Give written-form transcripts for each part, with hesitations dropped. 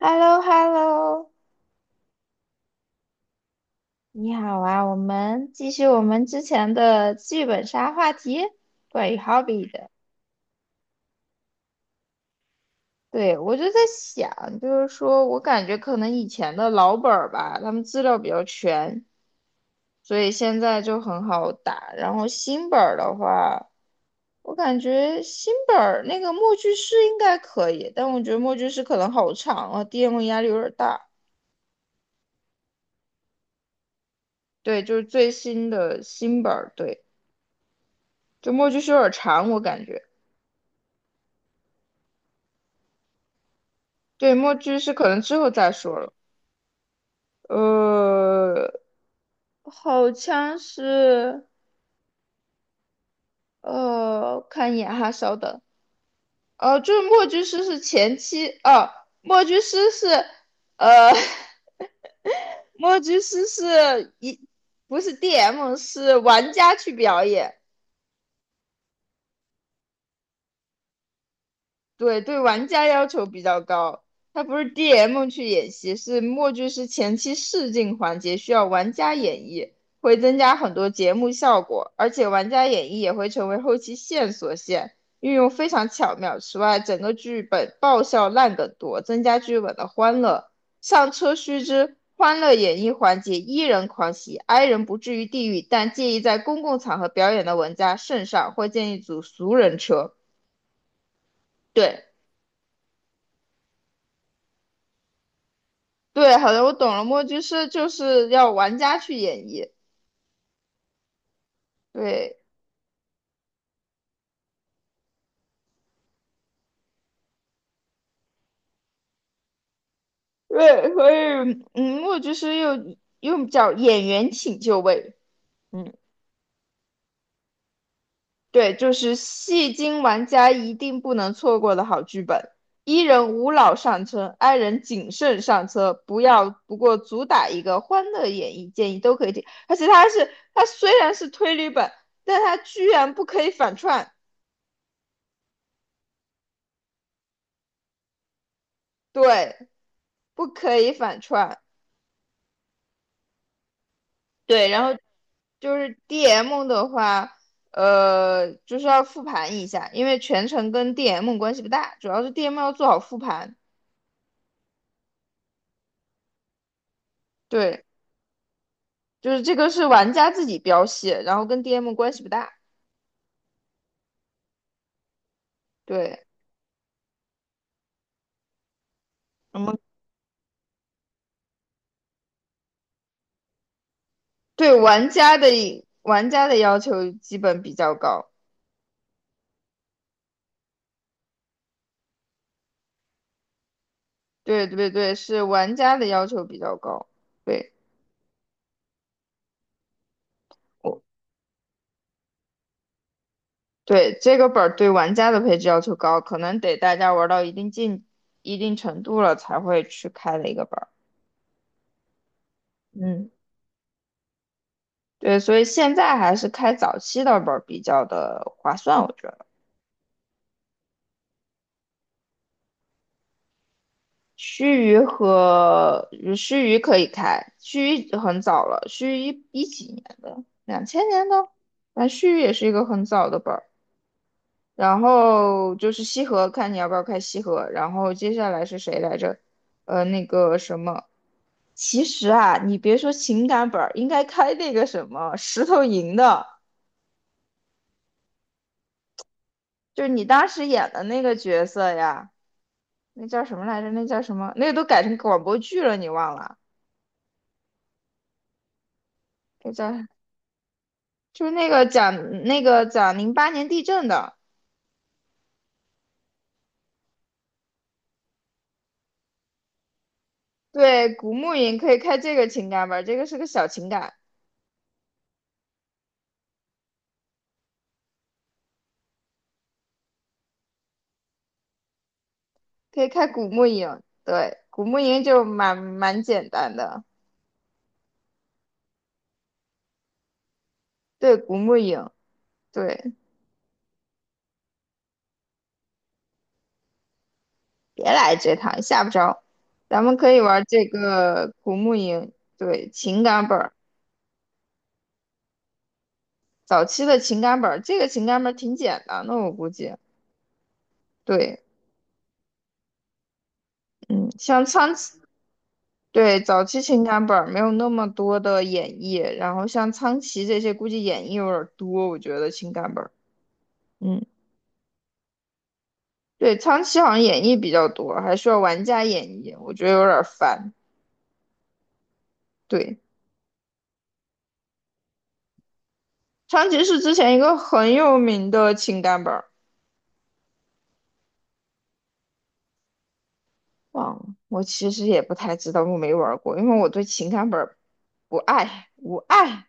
h e l l o h e l l o 你好啊，我们继续我们之前的剧本杀话题，关于 hobby 的。对，我就在想，就是说我感觉可能以前的老本儿吧，他们资料比较全，所以现在就很好打。然后新本儿的话，我感觉新本儿那个默剧师应该可以，但我觉得默剧师可能好长啊，DM 压力有点大。对，就是最新的新本儿，对，就默剧师有点长，我感觉。对，墨剧是可能之后再说了。呃，好像是，看一眼哈，稍等。就是墨剧师是前期，哦，墨剧师是，呃，默剧师是一，不是 DM，是玩家去表演。对对，玩家要求比较高。它不是 DM 去演习，是默剧是前期试镜环节需要玩家演绎，会增加很多节目效果，而且玩家演绎也会成为后期线索线，运用非常巧妙。此外，整个剧本爆笑烂梗多，增加剧本的欢乐。上车须知，欢乐演绎环节，E 人狂喜，I 人不至于地狱，但介意在公共场合表演的玩家慎上，或建议组俗人车。对。对，好的，我懂了。墨剧是就是要玩家去演绎，对对，所以墨剧是又叫演员请就位，嗯，对，就是戏精玩家一定不能错过的好剧本。伊人无脑上车，i 人谨慎上车，不要不过主打一个欢乐演绎，建议都可以听。而且它是它虽然是推理本，但它居然不可以反串，对，不可以反串。对，然后就是 DM 的话，就是要复盘一下，因为全程跟 DM 关系不大，主要是 DM 要做好复盘。对，就是这个是玩家自己标系，然后跟 DM 关系不大。对，我们对玩家的要求基本比较高。对对对，是玩家的要求比较高。对，我对这个本儿对玩家的配置要求高，可能得大家玩到一定程度了才会去开的一个本儿。嗯，对，所以现在还是开早期的本儿比较的划算，我觉得。须臾须臾可以开，须臾很早了，须臾一几年的，2000年的，那须臾也是一个很早的本儿。然后就是西河，看你要不要开西河。然后接下来是谁来着？那个什么，其实啊，你别说情感本儿，应该开那个什么石头营的，就是你当时演的那个角色呀。那叫什么来着？那叫什么？那个都改成广播剧了，你忘了？那叫就是那个讲讲零八年地震的，对，古墓营可以开这个情感本儿，这个是个小情感，可以开古墓营，对，古墓营就蛮简单的，对，古墓营，对，别来这套，吓不着，咱们可以玩这个古墓营，对，情感本儿，早期的情感本儿，这个情感本儿挺简单的，我估计，对。嗯，对，早期情感本儿没有那么多的演绎，然后像苍崎这些估计演绎有点儿多，我觉得情感本儿，嗯，对，苍崎好像演绎比较多，还需要玩家演绎，我觉得有点儿烦。对，苍崎是之前一个很有名的情感本儿，忘了，我其实也不太知道，我没玩儿过，因为我对情感本儿不爱无爱。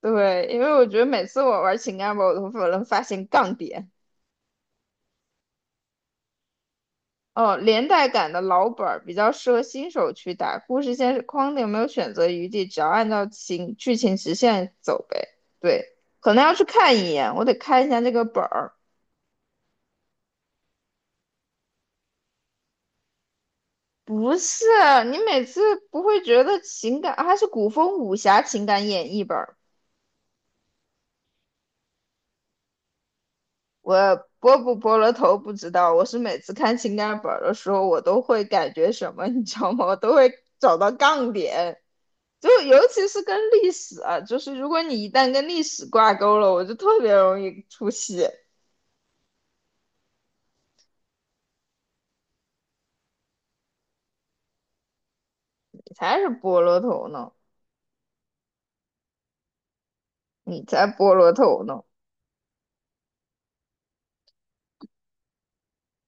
对，因为我觉得每次我玩情感本儿，我都能发现杠点。哦，连带感的老本儿比较适合新手去打，故事线是框定，没有选择余地，只要按照情剧情直线走呗。对，可能要去看一眼，我得看一下这个本儿。不是，你每次不会觉得情感，啊还是古风武侠情感演绎本儿？我拨不拨了头不知道，我是每次看情感本儿的时候，我都会感觉什么，你知道吗？我都会找到杠点。就尤其是跟历史啊，就是如果你一旦跟历史挂钩了，我就特别容易出戏。你才是菠萝头呢，你才菠萝头呢。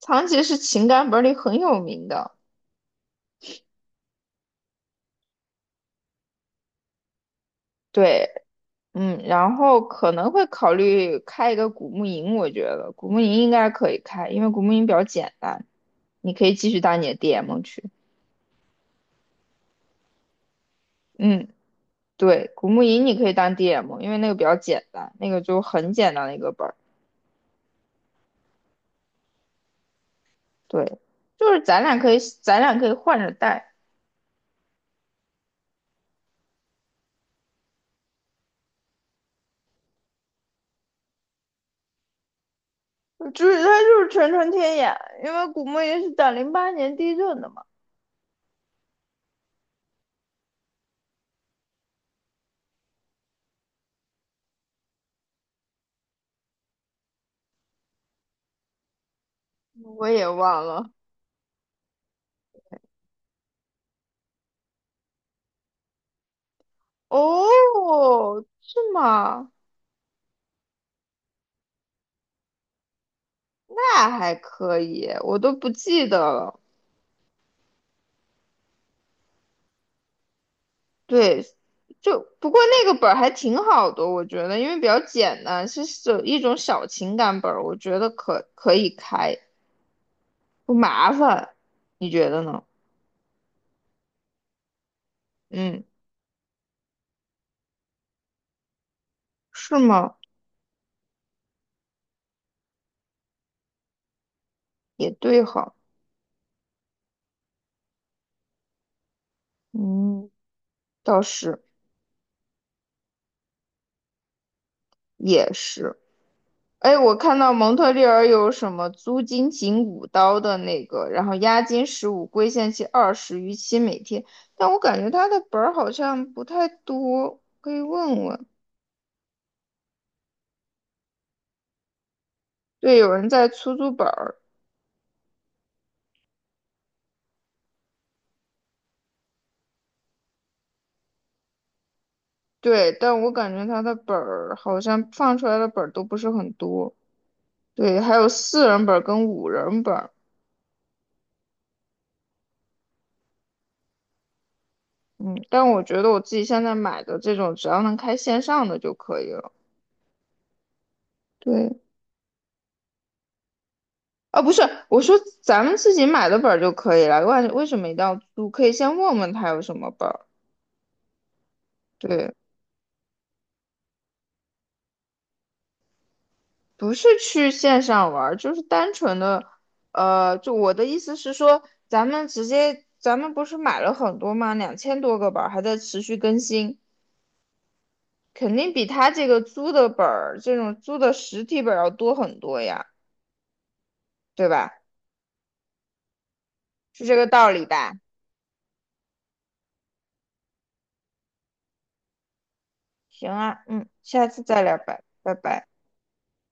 长崎是情感本里很有名的，对，嗯，然后可能会考虑开一个古墓营，我觉得古墓营应该可以开，因为古墓营比较简单，你可以继续当你的 DM 去，嗯，对，古墓营你可以当 DM，因为那个比较简单，那个就很简单的一个本。对，就是咱俩可以换着带。就是他就是纯纯天眼，因为古墓也是打零八年地震的嘛。我也忘了，哦，是吗？那还可以，我都不记得了。对，就不过那个本儿还挺好的，我觉得，因为比较简单，是有一种小情感本儿，我觉得可以开，不麻烦，你觉得呢？嗯，是吗？也对哈，嗯，倒是。也是。哎，我看到蒙特利尔有什么租金仅5刀的那个，然后押金15，归现期20，逾期每天。但我感觉他的本儿好像不太多，可以问问。对，有人在出租本儿，对，但我感觉他的本儿好像放出来的本儿都不是很多。对，还有四人本儿跟五人本儿，嗯，但我觉得我自己现在买的这种，只要能开线上的就可以了。对，啊，不是，我说咱们自己买的本儿就可以了，为什么一定要租？可以先问问他有什么本儿。对，不是去线上玩儿，就是单纯的，就我的意思是说，咱们直接，咱们不是买了很多吗？2000多个本儿还在持续更新，肯定比他这个租的本儿，这种租的实体本儿要多很多呀，对吧？是这个道理吧？行啊，嗯，下次再聊吧，拜拜。